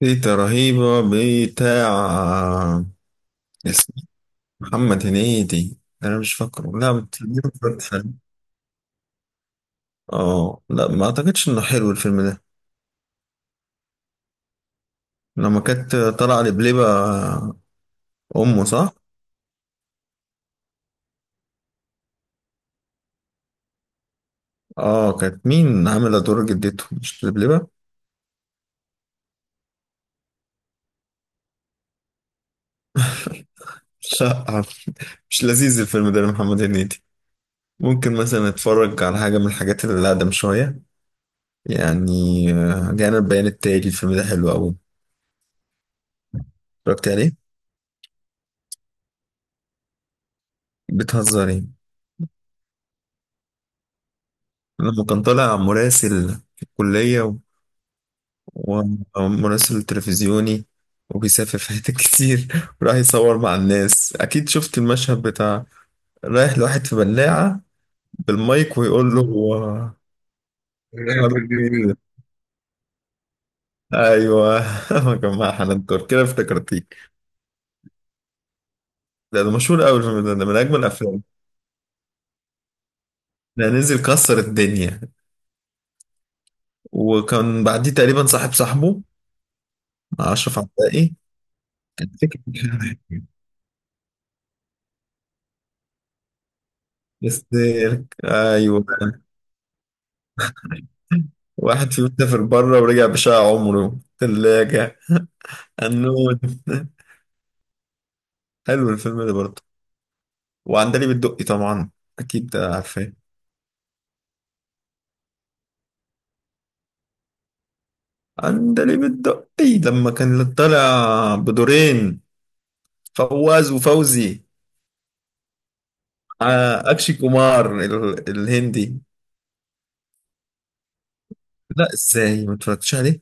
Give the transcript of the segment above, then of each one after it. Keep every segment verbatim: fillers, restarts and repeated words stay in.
تيتا رهيبة بتاع اسمه محمد هنيدي. أنا مش فاكره، لا، بتديله فرصة حلوة. اه، لا، ما أعتقدش إنه حلو الفيلم ده. لما كانت طالعة لبلبة أمه صح؟ اه، كانت مين عاملة دور جدته، مش لبلبة؟ لا. مش لذيذ الفيلم ده لمحمد هنيدي. ممكن مثلا أتفرج على حاجة من الحاجات اللي أقدم شوية. يعني آه، جانا البيان التالي، الفيلم ده حلو أوي. اتفرجت عليه؟ بتهزري. لما كان طالع مراسل في الكلية و- ومراسل تلفزيوني، وبيسافر في حتت كتير. وراح يصور مع الناس، أكيد شفت المشهد بتاع رايح لواحد في بلاعة بالمايك ويقول له رايح في خرج البيت. بيه. أيوه. ما كان مع حنان ترك، كده افتكرتيك. ده ده مشهور أوي الفيلم ده، ده من أجمل الأفلام. ده نزل كسر الدنيا، وكان بعديه تقريبا صاحب صاحبه مع أشرف عباقي. كان فكرة. بس ايوه، واحد فيهم سافر بره ورجع بشقى عمره ثلاجة النون. حلو الفيلم ده برضه. وعندليب الدقي طبعا أكيد عارفاه. عندليب الدقي لما كان طالع بدورين، فواز وفوزي. آه، أكشي كومار ال- الهندي. لا، إزاي ما اتفرجتش عليه؟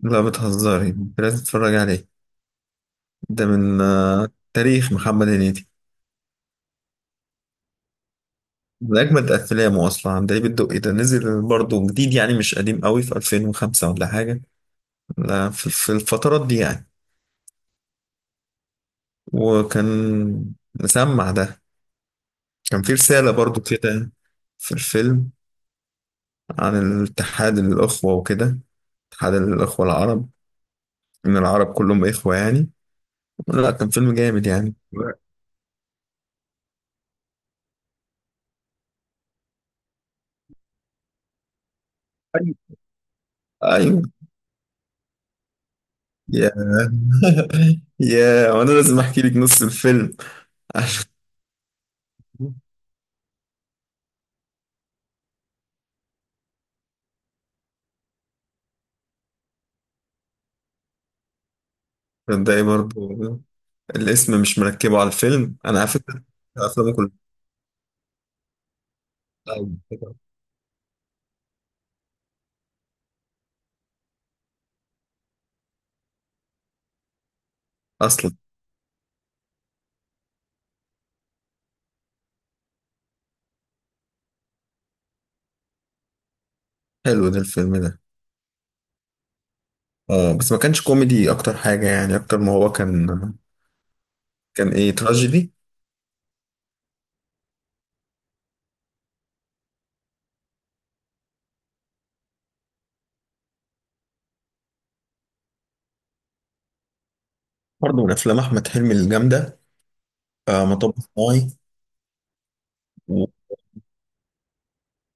لا بتهزري، لازم تتفرج عليه. ده من آه، تاريخ محمد هنيدي. ده أجمد أفلامه أصلا. عندليب الدقي ده نزل برضه جديد، يعني مش قديم قوي، في ألفين وخمسة ولا حاجة. لا، في في الفترات دي يعني. وكان مسمع ده، كان في رسالة برضه كده في الفيلم، عن الاتحاد الأخوة وكده، اتحاد الأخوة العرب، إن العرب كلهم إخوة يعني. لا كان فيلم جامد يعني. أيوة. أيوه. يا. يا وأنا لازم أحكي لك نص الفيلم. عشان ده إيه برضه؟ الاسم مش مركبه على الفيلم انا على فكره، افلامه كلها اصلا. حلو ده الفيلم ده. اه، بس ما كانش كوميدي اكتر حاجه، يعني اكتر ما هو كان، كان ايه، تراجيدي. برضه من افلام احمد حلمي الجامده. آه مطب صناعي. و-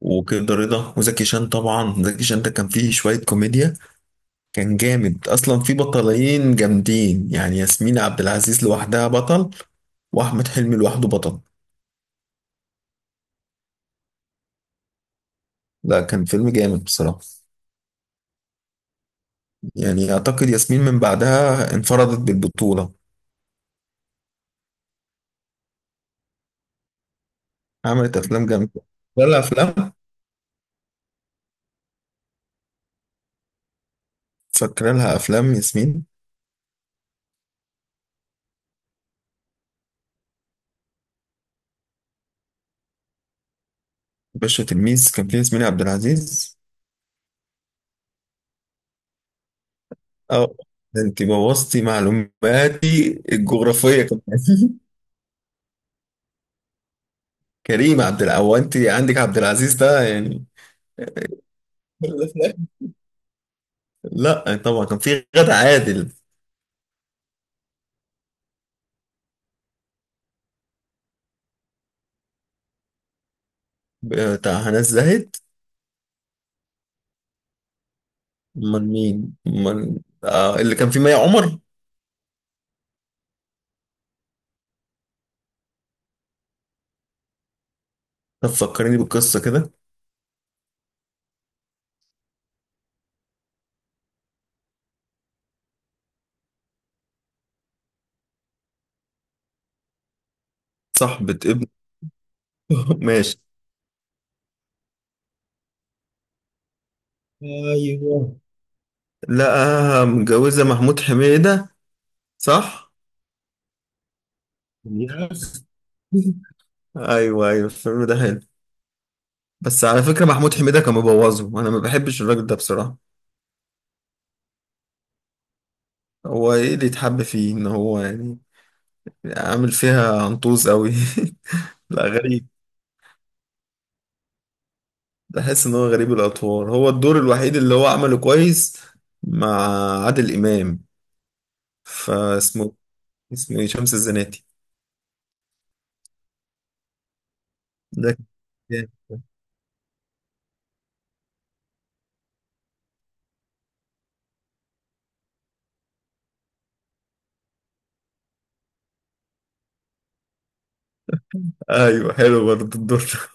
وكده رضا وزكي شان. طبعا زكي شان ده كان فيه شويه كوميديا، كان جامد اصلا، في بطلين جامدين يعني، ياسمين عبد العزيز لوحدها بطل واحمد حلمي لوحده بطل. لا كان فيلم جامد بصراحه. يعني أعتقد ياسمين من بعدها انفردت بالبطولة، عملت أفلام جامدة. فاكرة لها أفلام فاكرة لها أفلام ياسمين. باشا تلميذ كان فيه ياسمين عبد العزيز. أه ده أنت بوظتي معلوماتي الجغرافية كمان. كريم عبد العزيز، أنت عندك عبد العزيز ده يعني. كل ده في الآخر. لا طبعا كان في غادة عادل. بتاع هنا الزاهد؟ امال مين، امال آه اللي كان في مي عمر. طب فكرني بالقصه كده. صاحبة ابن. ماشي. ايوه. لا، متجوزة محمود حميدة صح؟ يس. ايوه ايوه الفيلم ده حلو. بس على فكرة محمود حميدة كان مبوظه، انا ما بحبش الراجل ده بصراحة. هو ايه اللي يتحب فيه؟ ان هو يعني عامل فيها عنطوز قوي. لا غريب. بحس ان هو غريب الاطوار. هو الدور الوحيد اللي هو عمله كويس مع عادل امام، فاسمه اسمه ايه، شمس الزناتي. ده كان جامد. ايوه حلو برضه الدور.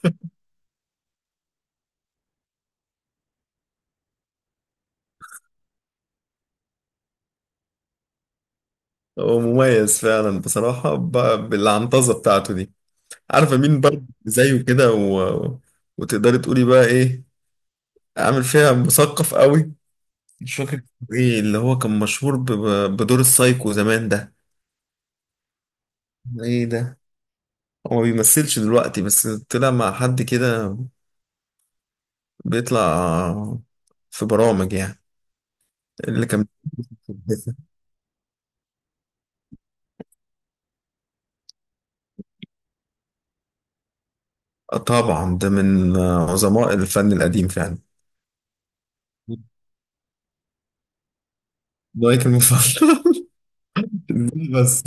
هو مميز فعلا بصراحة ب- بالعنطزة بتاعته دي. عارفة مين برضه زيه كده، و... وتقدري تقولي بقى ايه، عامل فيها مثقف قوي؟ مش فاكر اسمه ايه، اللي هو كان مشهور ب... ب- بدور السايكو زمان ده. ايه ده؟ هو ما بيمثلش دلوقتي، بس طلع مع حد كده، بيطلع في برامج يعني. اللي كان، آه طبعا ده من عظماء الفن القديم فعلا. لايك المفضل. بس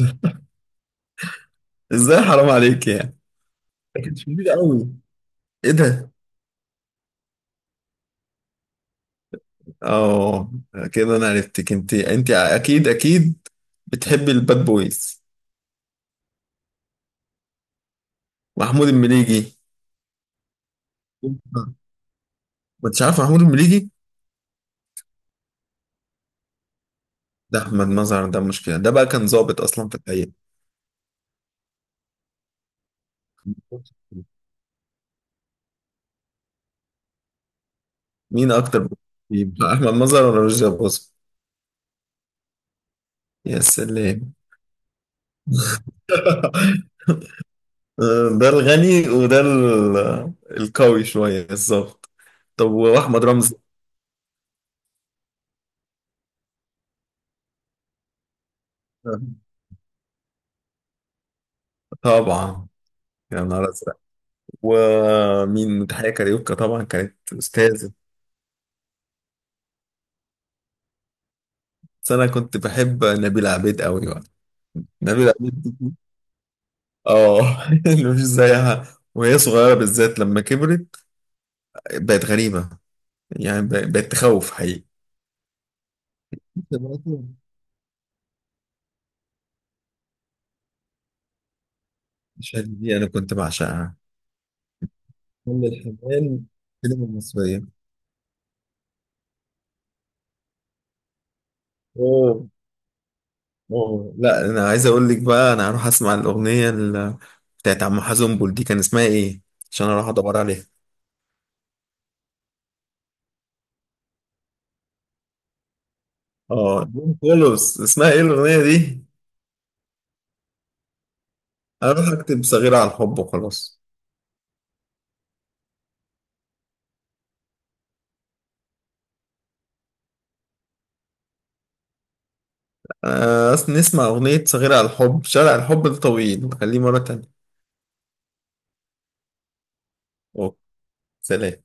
ازاي، حرام عليك يعني، ده كانت شديدة قوي. ايه ده؟ اه، كده انا عرفتك. انت، انت اكيد اكيد بتحبي الباد بويز. محمود المليجي. ما انتش عارف محمود المليجي؟ ده احمد مظهر ده مشكلة، ده بقى كان ضابط اصلا في الحقيقة. مين اكتر، يبقى احمد مظهر ولا رشدي اباظة؟ يا سلام. ده الغني وده ال- القوي شوية بالظبط. طب واحمد رمزي؟ طبعا، يا نهار أزرق. ومين، تحية كاريوكا طبعا كانت أستاذة. بس أنا كنت بحب نبيلة عبيد أوي بقى. نبيلة عبيد دي آه اللي مش زيها، وهي صغيرة بالذات. لما كبرت بقت غريبة، يعني ب- بقت تخوف حقيقي. الشهادة دي أنا كنت بعشقها، كل الحمال، السينما المصرية. أوه. أوه لا، أنا عايز أقول لك بقى، أنا هروح أسمع الأغنية ال- بتاعت عم حزنبل دي، كان اسمها إيه، عشان أروح أدور عليها. آه جون كولوس اسمها إيه الأغنية دي؟ اروح اكتب صغيرة على الحب وخلاص. آه، نسمع اغنية صغيرة على الحب، شارع الحب الطويل نخليه مرة تانية. أوه. سلام.